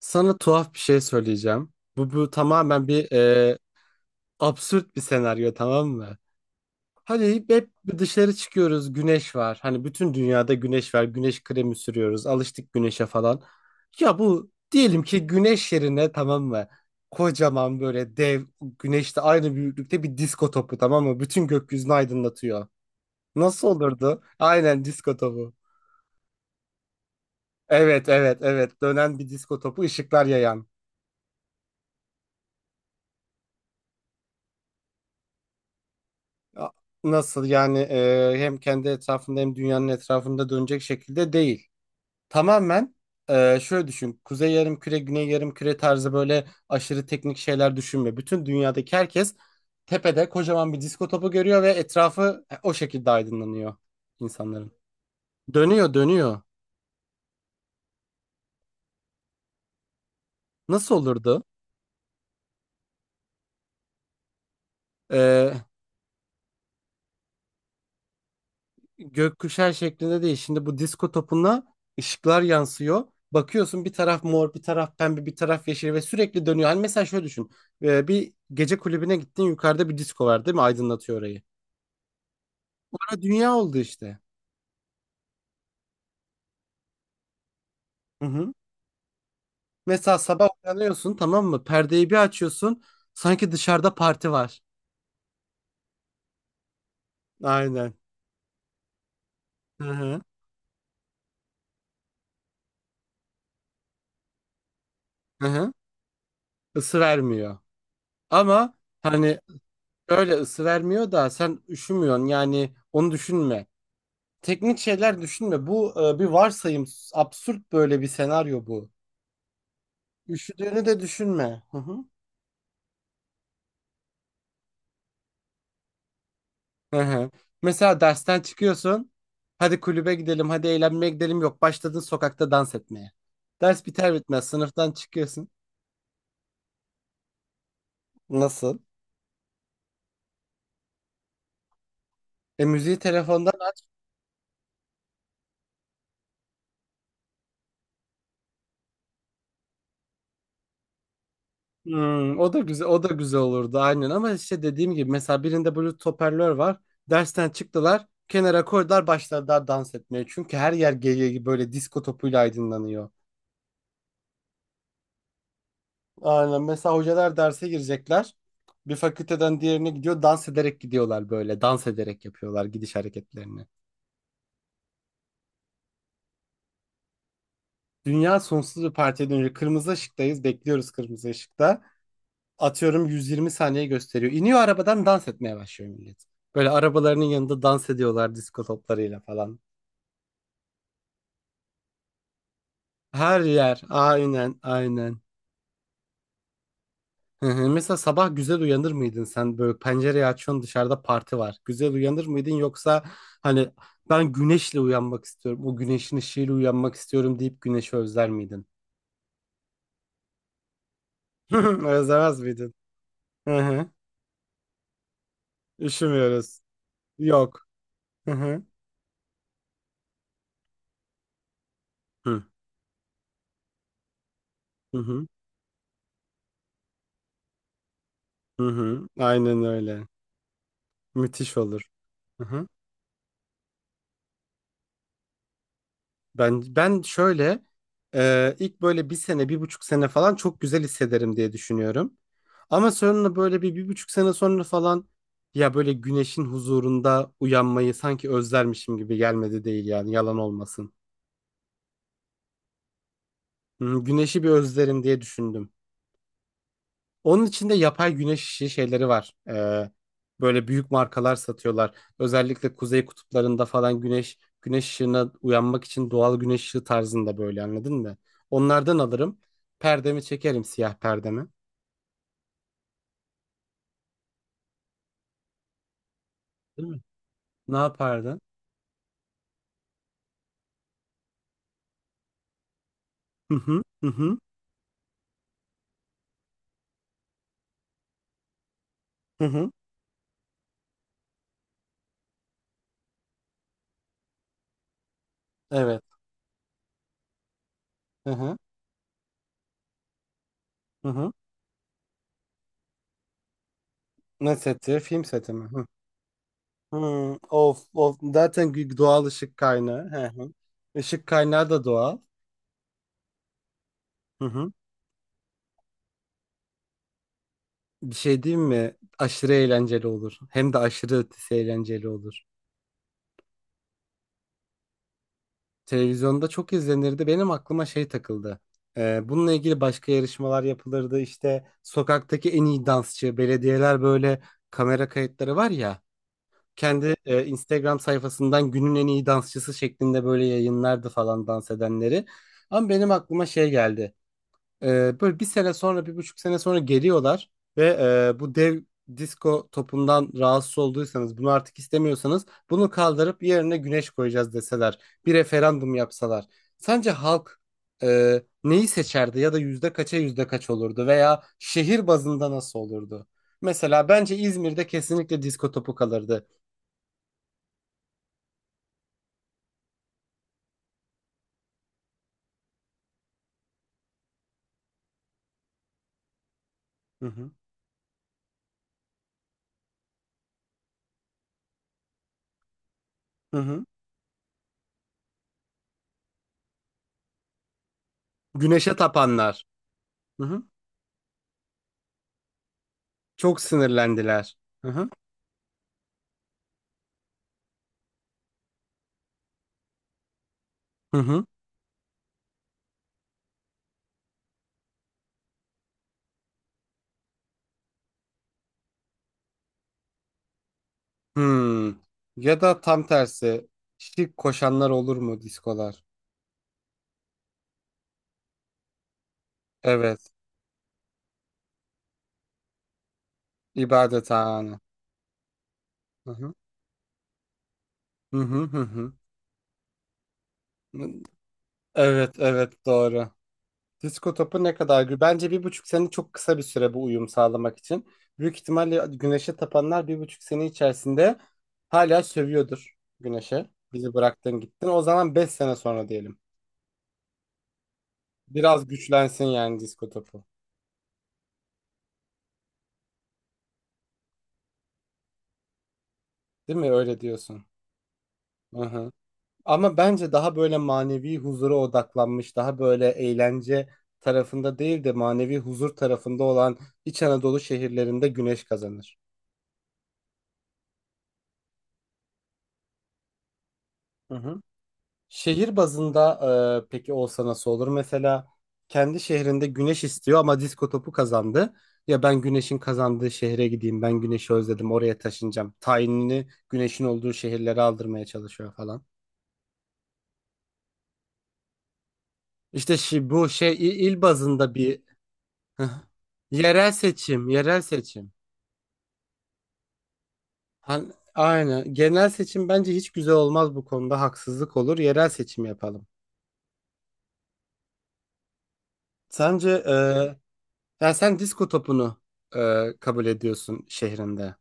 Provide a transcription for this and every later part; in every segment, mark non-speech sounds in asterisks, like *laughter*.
Sana tuhaf bir şey söyleyeceğim. Bu tamamen bir absürt bir senaryo, tamam mı? Hani hep dışarı çıkıyoruz, güneş var. Hani bütün dünyada güneş var. Güneş kremi sürüyoruz. Alıştık güneşe falan. Ya bu, diyelim ki güneş yerine, tamam mı? Kocaman, böyle dev güneşte aynı büyüklükte bir disko topu, tamam mı? Bütün gökyüzünü aydınlatıyor. Nasıl olurdu? Aynen, disko topu. Evet, evet, evet, dönen bir disko topu, ışıklar yayan. Ya, nasıl yani, hem kendi etrafında hem dünyanın etrafında dönecek şekilde değil. Tamamen şöyle düşün. Kuzey yarımküre, güney yarımküre tarzı böyle aşırı teknik şeyler düşünme. Bütün dünyadaki herkes tepede kocaman bir disko topu görüyor ve etrafı o şekilde aydınlanıyor insanların. Dönüyor, dönüyor. Nasıl olurdu? E, Gökkuşağı şeklinde değil. Şimdi bu disko topuna ışıklar yansıyor. Bakıyorsun, bir taraf mor, bir taraf pembe, bir taraf yeşil ve sürekli dönüyor. Hani mesela şöyle düşün. Bir gece kulübüne gittin, yukarıda bir disko var değil mi? Aydınlatıyor orayı. Orada dünya oldu işte. Hı hı. Mesela sabah uyanıyorsun, tamam mı? Perdeyi bir açıyorsun. Sanki dışarıda parti var. Aynen. Hı hı. Hı hı. Isı vermiyor. Ama hani öyle ısı vermiyor da sen üşümüyorsun. Yani onu düşünme, teknik şeyler düşünme. Bu bir varsayım. Absürt böyle bir senaryo bu. Üşüdüğünü de düşünme. Hı hı. Hı hı. Mesela dersten çıkıyorsun. Hadi kulübe gidelim, hadi eğlenmeye gidelim. Yok, başladın sokakta dans etmeye. Ders biter bitmez sınıftan çıkıyorsun. Nasıl? E müziği telefondan. Hmm, o da güzel, o da güzel olurdu aynen, ama işte dediğim gibi mesela birinde Bluetooth hoparlör var. Dersten çıktılar, kenara koydular, başladılar dans etmeye. Çünkü her yer gece böyle disko topuyla aydınlanıyor. Aynen. Mesela hocalar derse girecekler. Bir fakülteden diğerine gidiyor. Dans ederek gidiyorlar böyle. Dans ederek yapıyorlar gidiş hareketlerini. Dünya sonsuz bir partiye dönüyor. Kırmızı ışıktayız. Bekliyoruz kırmızı ışıkta. Atıyorum, 120 saniye gösteriyor. İniyor arabadan, dans etmeye başlıyor millet. Böyle arabalarının yanında dans ediyorlar disko toplarıyla falan. Her yer. Aynen, aynen. Hı hı. Mesela sabah güzel uyanır mıydın sen, böyle pencereyi açıyorsun, dışarıda parti var. Güzel uyanır mıydın, yoksa hani ben güneşle uyanmak istiyorum, o güneşin ışığıyla uyanmak istiyorum deyip güneşi özler miydin? *laughs* Özlemez miydin? Hı hı. Üşümüyoruz. Yok. Hı hı. Hı hı. Hı hı. Hı hı. Aynen öyle. Müthiş olur. Hı hı. Ben şöyle, ilk böyle 1 sene, 1,5 sene falan çok güzel hissederim diye düşünüyorum. Ama sonra böyle bir buçuk sene sonra falan, ya böyle güneşin huzurunda uyanmayı sanki özlermişim gibi gelmedi değil, yani yalan olmasın. Hı, güneşi bir özlerim diye düşündüm. Onun içinde yapay güneş işi şeyleri var. Böyle büyük markalar satıyorlar. Özellikle kuzey kutuplarında falan güneş ışığına uyanmak için doğal güneş ışığı tarzında, böyle anladın mı? Onlardan alırım. Perdemi çekerim, siyah perdemi. Değil mi? Ne yapardın? Hı hı, hı hı, hı hı. Evet. Hı hı, hı hı. Ne seti? Film seti mi? Hı. Hı. Of of, zaten doğal ışık kaynağı. Hı hı. Işık kaynağı da doğal. Hı hı. Bir şey diyeyim mi? Aşırı eğlenceli olur. Hem de aşırı ötesi eğlenceli olur. Televizyonda çok izlenirdi. Benim aklıma şey takıldı. Bununla ilgili başka yarışmalar yapılırdı. İşte sokaktaki en iyi dansçı, belediyeler böyle kamera kayıtları var ya. Kendi Instagram sayfasından günün en iyi dansçısı şeklinde böyle yayınlardı falan dans edenleri. Ama benim aklıma şey geldi. Böyle 1 sene sonra, 1,5 sene sonra geliyorlar ve bu dev disco topundan rahatsız olduysanız, bunu artık istemiyorsanız, bunu kaldırıp yerine güneş koyacağız deseler, bir referandum yapsalar. Sence halk neyi seçerdi, ya da yüzde kaça yüzde kaç olurdu, veya şehir bazında nasıl olurdu? Mesela bence İzmir'de kesinlikle disco topu kalırdı. Hı hı. Hı hı. Güneşe tapanlar. Hı hı. Çok sinirlendiler. Hı hı. Hı hı. Hmm. Ya da tam tersi, şirk koşanlar olur mu diskolar? Evet. İbadethane. Hı hı. Hı hı, hı hı. Evet, evet, doğru. Disko topu ne kadar gü, bence 1,5 sene çok kısa bir süre bu uyum sağlamak için. Büyük ihtimalle güneşe tapanlar 1,5 sene içerisinde hala sövüyordur güneşe. Bizi bıraktın, gittin. O zaman 5 sene sonra diyelim. Biraz güçlensin yani disko topu. Değil mi? Öyle diyorsun. Hı hı. Ama bence daha böyle manevi huzura odaklanmış, daha böyle eğlence tarafında değil de manevi huzur tarafında olan İç Anadolu şehirlerinde güneş kazanır. Hı hı. Şehir bazında peki olsa nasıl olur? Mesela kendi şehrinde güneş istiyor ama disko topu kazandı. Ya ben güneşin kazandığı şehre gideyim, ben güneşi özledim, oraya taşınacağım. Tayinini güneşin olduğu şehirlere aldırmaya çalışıyor falan. İşte bu şey, il bazında bir, *laughs* yerel seçim, yerel seçim. Hani, aynen. Genel seçim bence hiç güzel olmaz bu konuda. Haksızlık olur. Yerel seçim yapalım. Sence, ya sen disko topunu kabul ediyorsun şehrinde.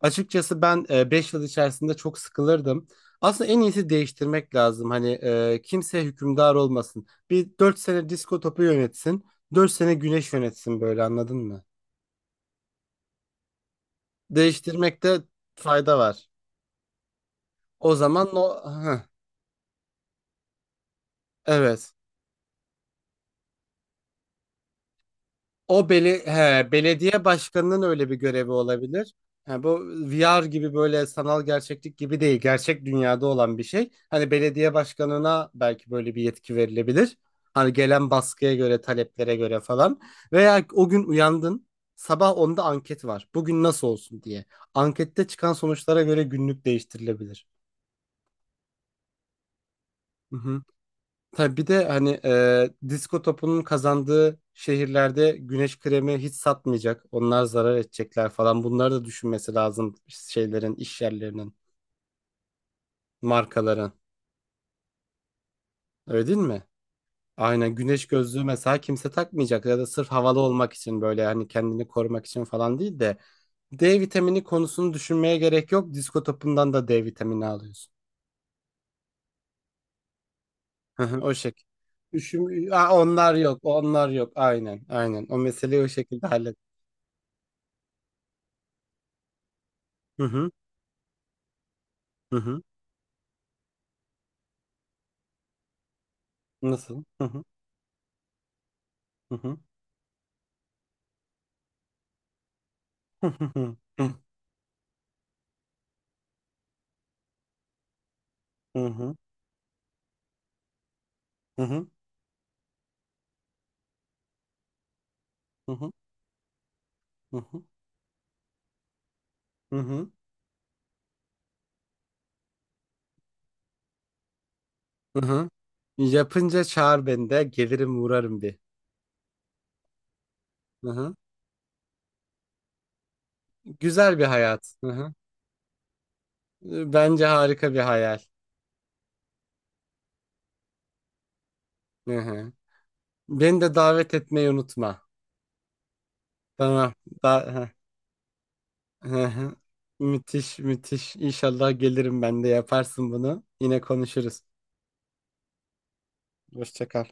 Açıkçası ben 5 yıl içerisinde çok sıkılırdım. Aslında en iyisi değiştirmek lazım. Hani kimse hükümdar olmasın. Bir, 4 sene disko topu yönetsin, 4 sene güneş yönetsin, böyle, anladın mı? Değiştirmekte fayda var. O zaman o. Heh, evet. Belediye başkanının öyle bir görevi olabilir. Ha, bu VR gibi, böyle sanal gerçeklik gibi değil. Gerçek dünyada olan bir şey. Hani belediye başkanına belki böyle bir yetki verilebilir. Hani gelen baskıya göre, taleplere göre falan. Veya o gün uyandın. Sabah onda anket var. Bugün nasıl olsun diye. Ankette çıkan sonuçlara göre günlük değiştirilebilir. Hı hı. Tabii bir de hani disko topunun kazandığı şehirlerde güneş kremi hiç satmayacak. Onlar zarar edecekler falan. Bunları da düşünmesi lazım, şeylerin, iş yerlerinin, markaların. Öyle değil mi? Aynen, güneş gözlüğü mesela kimse takmayacak, ya da sırf havalı olmak için, böyle hani kendini korumak için falan değil de, D vitamini konusunu düşünmeye gerek yok. Disko topundan da D vitamini alıyorsun. Hı hı. O şekilde. Düşün. Aa, onlar yok, onlar yok. Aynen, aynen. O meseleyi o şekilde hallet. Hı hı, hı hı. Nasıl? Hı hı. Hı hı. Hı hı. Hı hı. Hı hı. Hı hı. Hı hı. Hı hı. Hı hı. Yapınca çağır, beni de gelirim, uğrarım bir. Hı hı. Güzel bir hayat. Hı hı. Bence harika bir hayal. Hı hı. Beni de davet etmeyi unutma. Tamam. Da hı. Hı hı. Müthiş, müthiş. İnşallah gelirim, ben de yaparsın bunu. Yine konuşuruz. Hoşça kal.